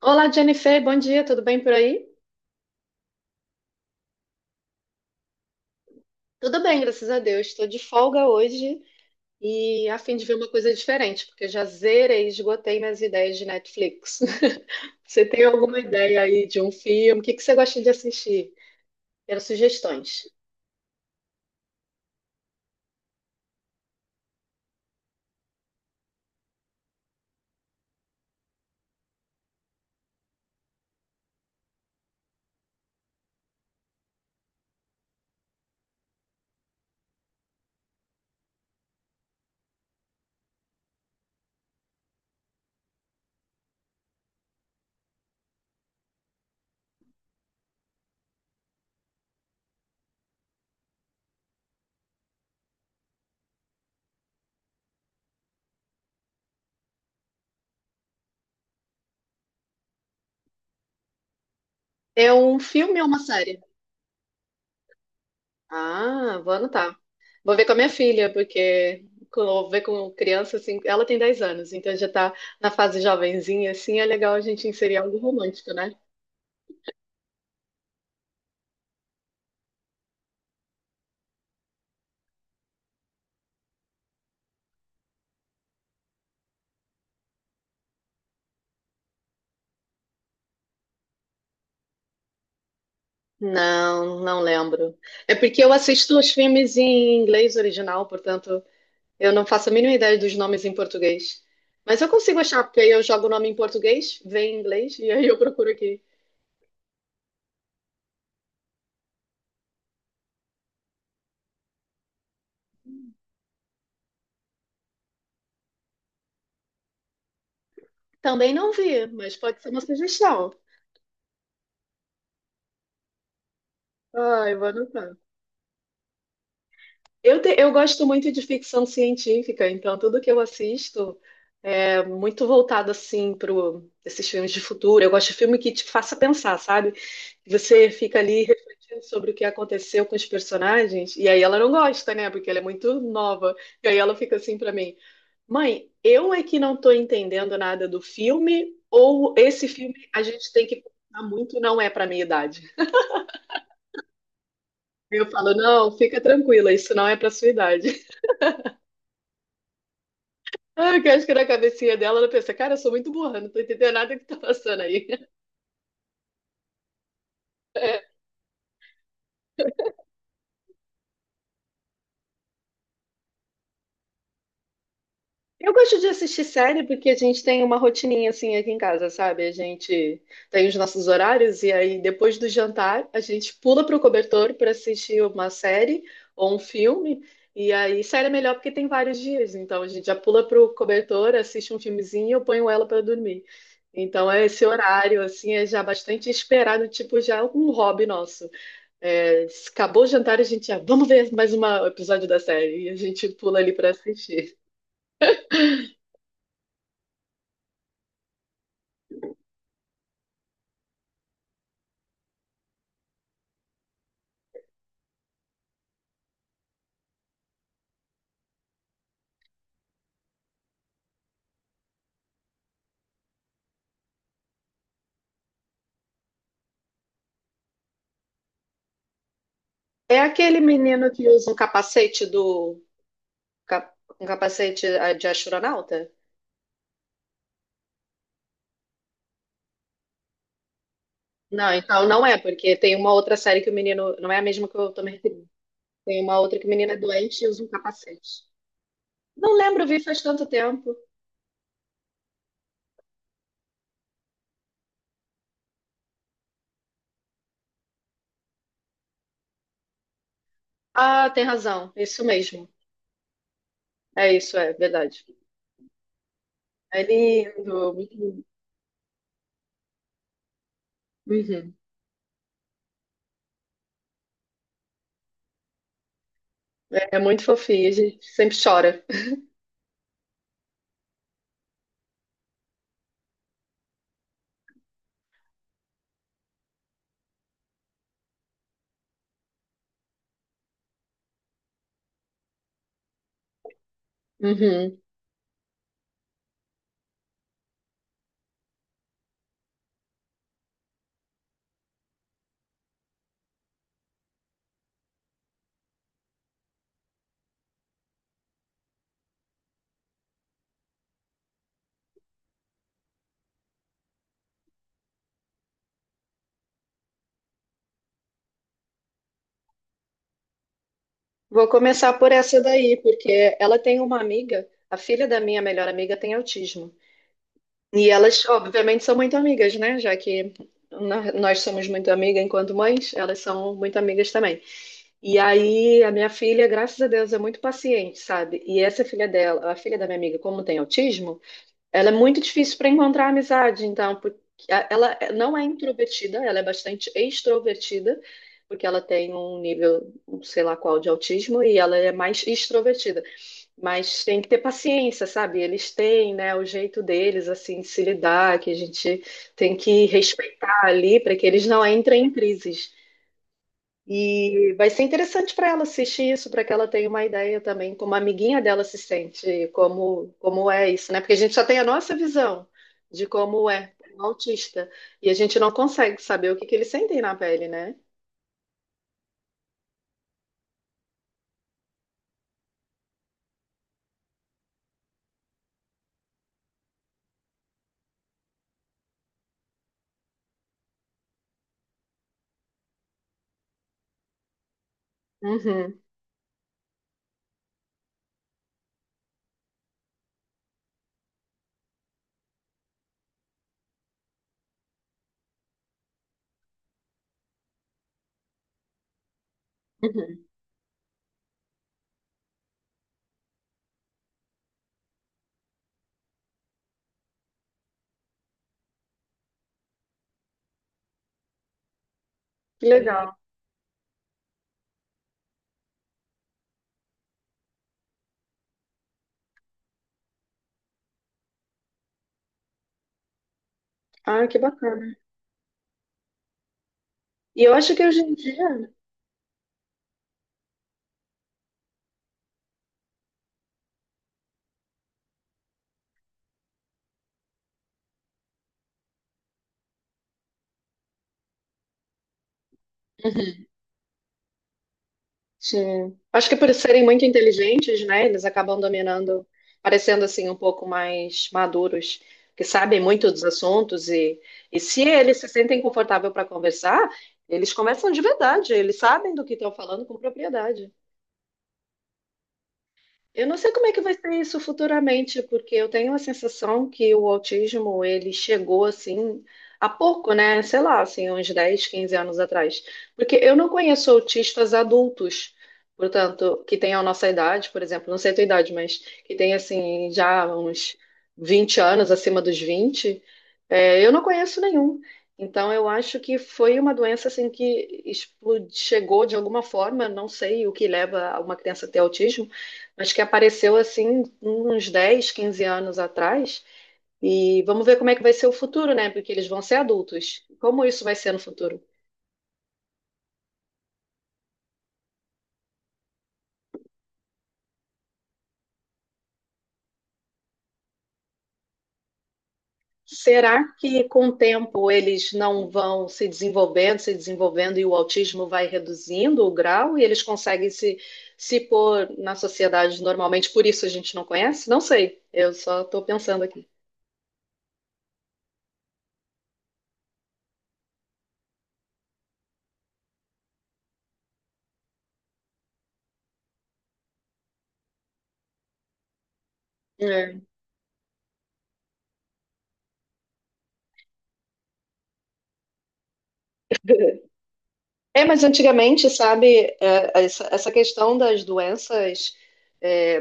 Olá, Jennifer, bom dia, tudo bem por aí? Tudo bem, graças a Deus. Estou de folga hoje e a fim de ver uma coisa diferente, porque eu já zerei, esgotei minhas ideias de Netflix. Você tem alguma ideia aí de um filme? O que que você gosta de assistir? Quero sugestões. É um filme ou uma série? Ah, vou anotar. Vou ver com a minha filha, porque quando eu vou ver com criança, assim, ela tem 10 anos, então já está na fase jovenzinha, assim, é legal a gente inserir algo romântico, né? Não, não lembro. É porque eu assisto os filmes em inglês original, portanto, eu não faço a mínima ideia dos nomes em português. Mas eu consigo achar, porque aí eu jogo o nome em português, vem em inglês, e aí eu procuro aqui. Também não vi, mas pode ser uma sugestão. Ai, vou anotar. Eu gosto muito de ficção científica, então tudo que eu assisto é muito voltado assim para esses filmes de futuro. Eu gosto de filme que te faça pensar, sabe? Você fica ali refletindo sobre o que aconteceu com os personagens, e aí ela não gosta, né? Porque ela é muito nova. E aí ela fica assim para mim: Mãe, eu é que não estou entendendo nada do filme, ou esse filme a gente tem que pensar muito, não é para minha idade. Aí eu falo: Não, fica tranquila, isso não é para sua idade. Ah, que eu acho que na cabecinha dela ela pensa, cara, eu sou muito burra, não tô entendendo nada que tá passando aí. Eu gosto de assistir série porque a gente tem uma rotininha assim aqui em casa, sabe? A gente tem os nossos horários e aí depois do jantar a gente pula pro cobertor para assistir uma série ou um filme. E aí série é melhor porque tem vários dias, então a gente já pula pro cobertor, assiste um filmezinho e eu ponho ela para dormir. Então é esse horário assim é já bastante esperado, tipo já um hobby nosso. É, acabou o jantar, a gente já, vamos ver mais um episódio da série. E a gente pula ali pra assistir. É aquele menino que usa um capacete do. cap- Um capacete de astronauta? Não, então não é, porque tem uma outra série que o menino. Não é a mesma que eu tô me referindo. Tem uma outra que o menino é doente e usa um capacete. Não lembro, vi faz tanto tempo. Ah, tem razão. Isso mesmo. É isso, é verdade. É lindo, muito lindo. Uhum. É muito fofinho, a gente sempre chora. Uhum. Vou começar por essa daí, porque ela tem uma amiga, a filha da minha melhor amiga tem autismo. E elas, obviamente, são muito amigas, né? Já que nós somos muito amigas enquanto mães, elas são muito amigas também. E aí, a minha filha, graças a Deus, é muito paciente, sabe? E essa filha dela, a filha da minha amiga, como tem autismo, ela é muito difícil para encontrar amizade, então, porque ela não é introvertida, ela é bastante extrovertida, porque ela tem um nível, um sei lá qual, de autismo, e ela é mais extrovertida. Mas tem que ter paciência, sabe? Eles têm, né, o jeito deles, assim, de se lidar, que a gente tem que respeitar ali para que eles não entrem em crises. E vai ser interessante para ela assistir isso, para que ela tenha uma ideia também, como a amiguinha dela se sente, como, como é isso, né? Porque a gente só tem a nossa visão de como é um autista, e a gente não consegue saber o que que eles sentem na pele, né? Uhum, uhum. Que legal. Ah, que bacana. E eu acho que hoje em dia. Sim. Acho que por serem muito inteligentes, né, eles acabam dominando, parecendo assim um pouco mais maduros, que sabem muito dos assuntos e se eles se sentem confortáveis para conversar, eles conversam de verdade, eles sabem do que estão falando com propriedade. Eu não sei como é que vai ser isso futuramente, porque eu tenho a sensação que o autismo, ele chegou assim há pouco, né? Sei lá, assim, uns 10, 15 anos atrás. Porque eu não conheço autistas adultos, portanto, que tenham a nossa idade, por exemplo, não sei a tua idade, mas que tem assim já uns 20 anos, acima dos 20, eu não conheço nenhum. Então, eu acho que foi uma doença assim que explodiu, chegou de alguma forma, não sei o que leva uma criança a ter autismo. Acho que apareceu assim uns 10, 15 anos atrás. E vamos ver como é que vai ser o futuro, né? Porque eles vão ser adultos. Como isso vai ser no futuro? Será que com o tempo eles não vão se desenvolvendo, se desenvolvendo e o autismo vai reduzindo o grau e eles conseguem se, se pôr na sociedade normalmente? Por isso a gente não conhece? Não sei, eu só estou pensando aqui. É. É, mas antigamente, sabe, essa questão das doenças é,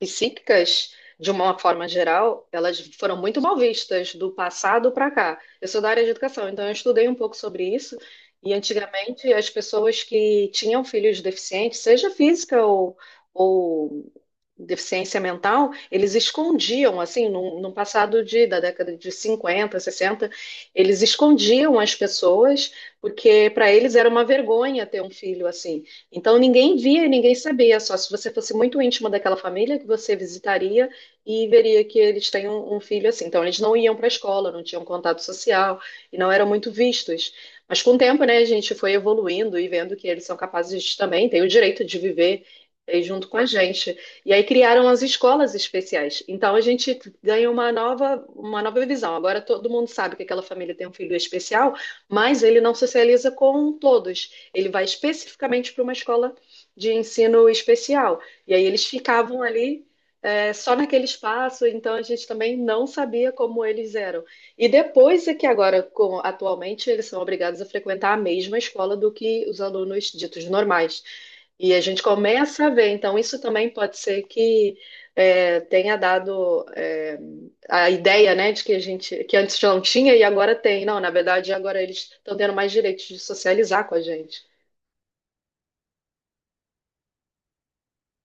psíquicas, de uma forma geral, elas foram muito mal vistas do passado para cá. Eu sou da área de educação, então eu estudei um pouco sobre isso. E antigamente, as pessoas que tinham filhos deficientes, seja física ou deficiência mental, eles escondiam, assim, num passado de, da década de 50, 60 eles escondiam as pessoas, porque para eles era uma vergonha ter um filho assim. Então ninguém via e ninguém sabia, só se você fosse muito íntimo daquela família que você visitaria e veria que eles têm um filho assim. Então eles não iam para a escola, não tinham contato social e não eram muito vistos. Mas com o tempo, né, a gente foi evoluindo e vendo que eles são capazes de, também, têm o direito de viver junto com a gente. E aí criaram as escolas especiais. Então a gente ganha uma nova visão. Agora todo mundo sabe que aquela família tem um filho especial, mas ele não socializa com todos. Ele vai especificamente para uma escola de ensino especial. E aí eles ficavam ali, só naquele espaço, então a gente também não sabia como eles eram. E depois é que agora, atualmente, eles são obrigados a frequentar a mesma escola do que os alunos ditos normais. E a gente começa a ver, então isso também pode ser que tenha dado a ideia, né, de que a gente, que antes não tinha e agora tem. Não, na verdade, agora eles estão tendo mais direitos de socializar com a gente.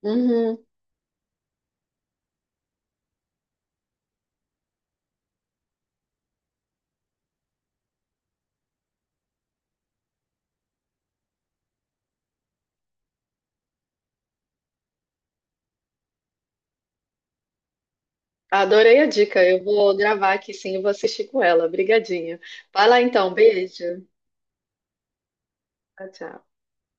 Uhum. Adorei a dica. Eu vou gravar aqui sim, eu vou assistir com ela. Obrigadinho. Vai lá então, beijo. Tchau, tchau.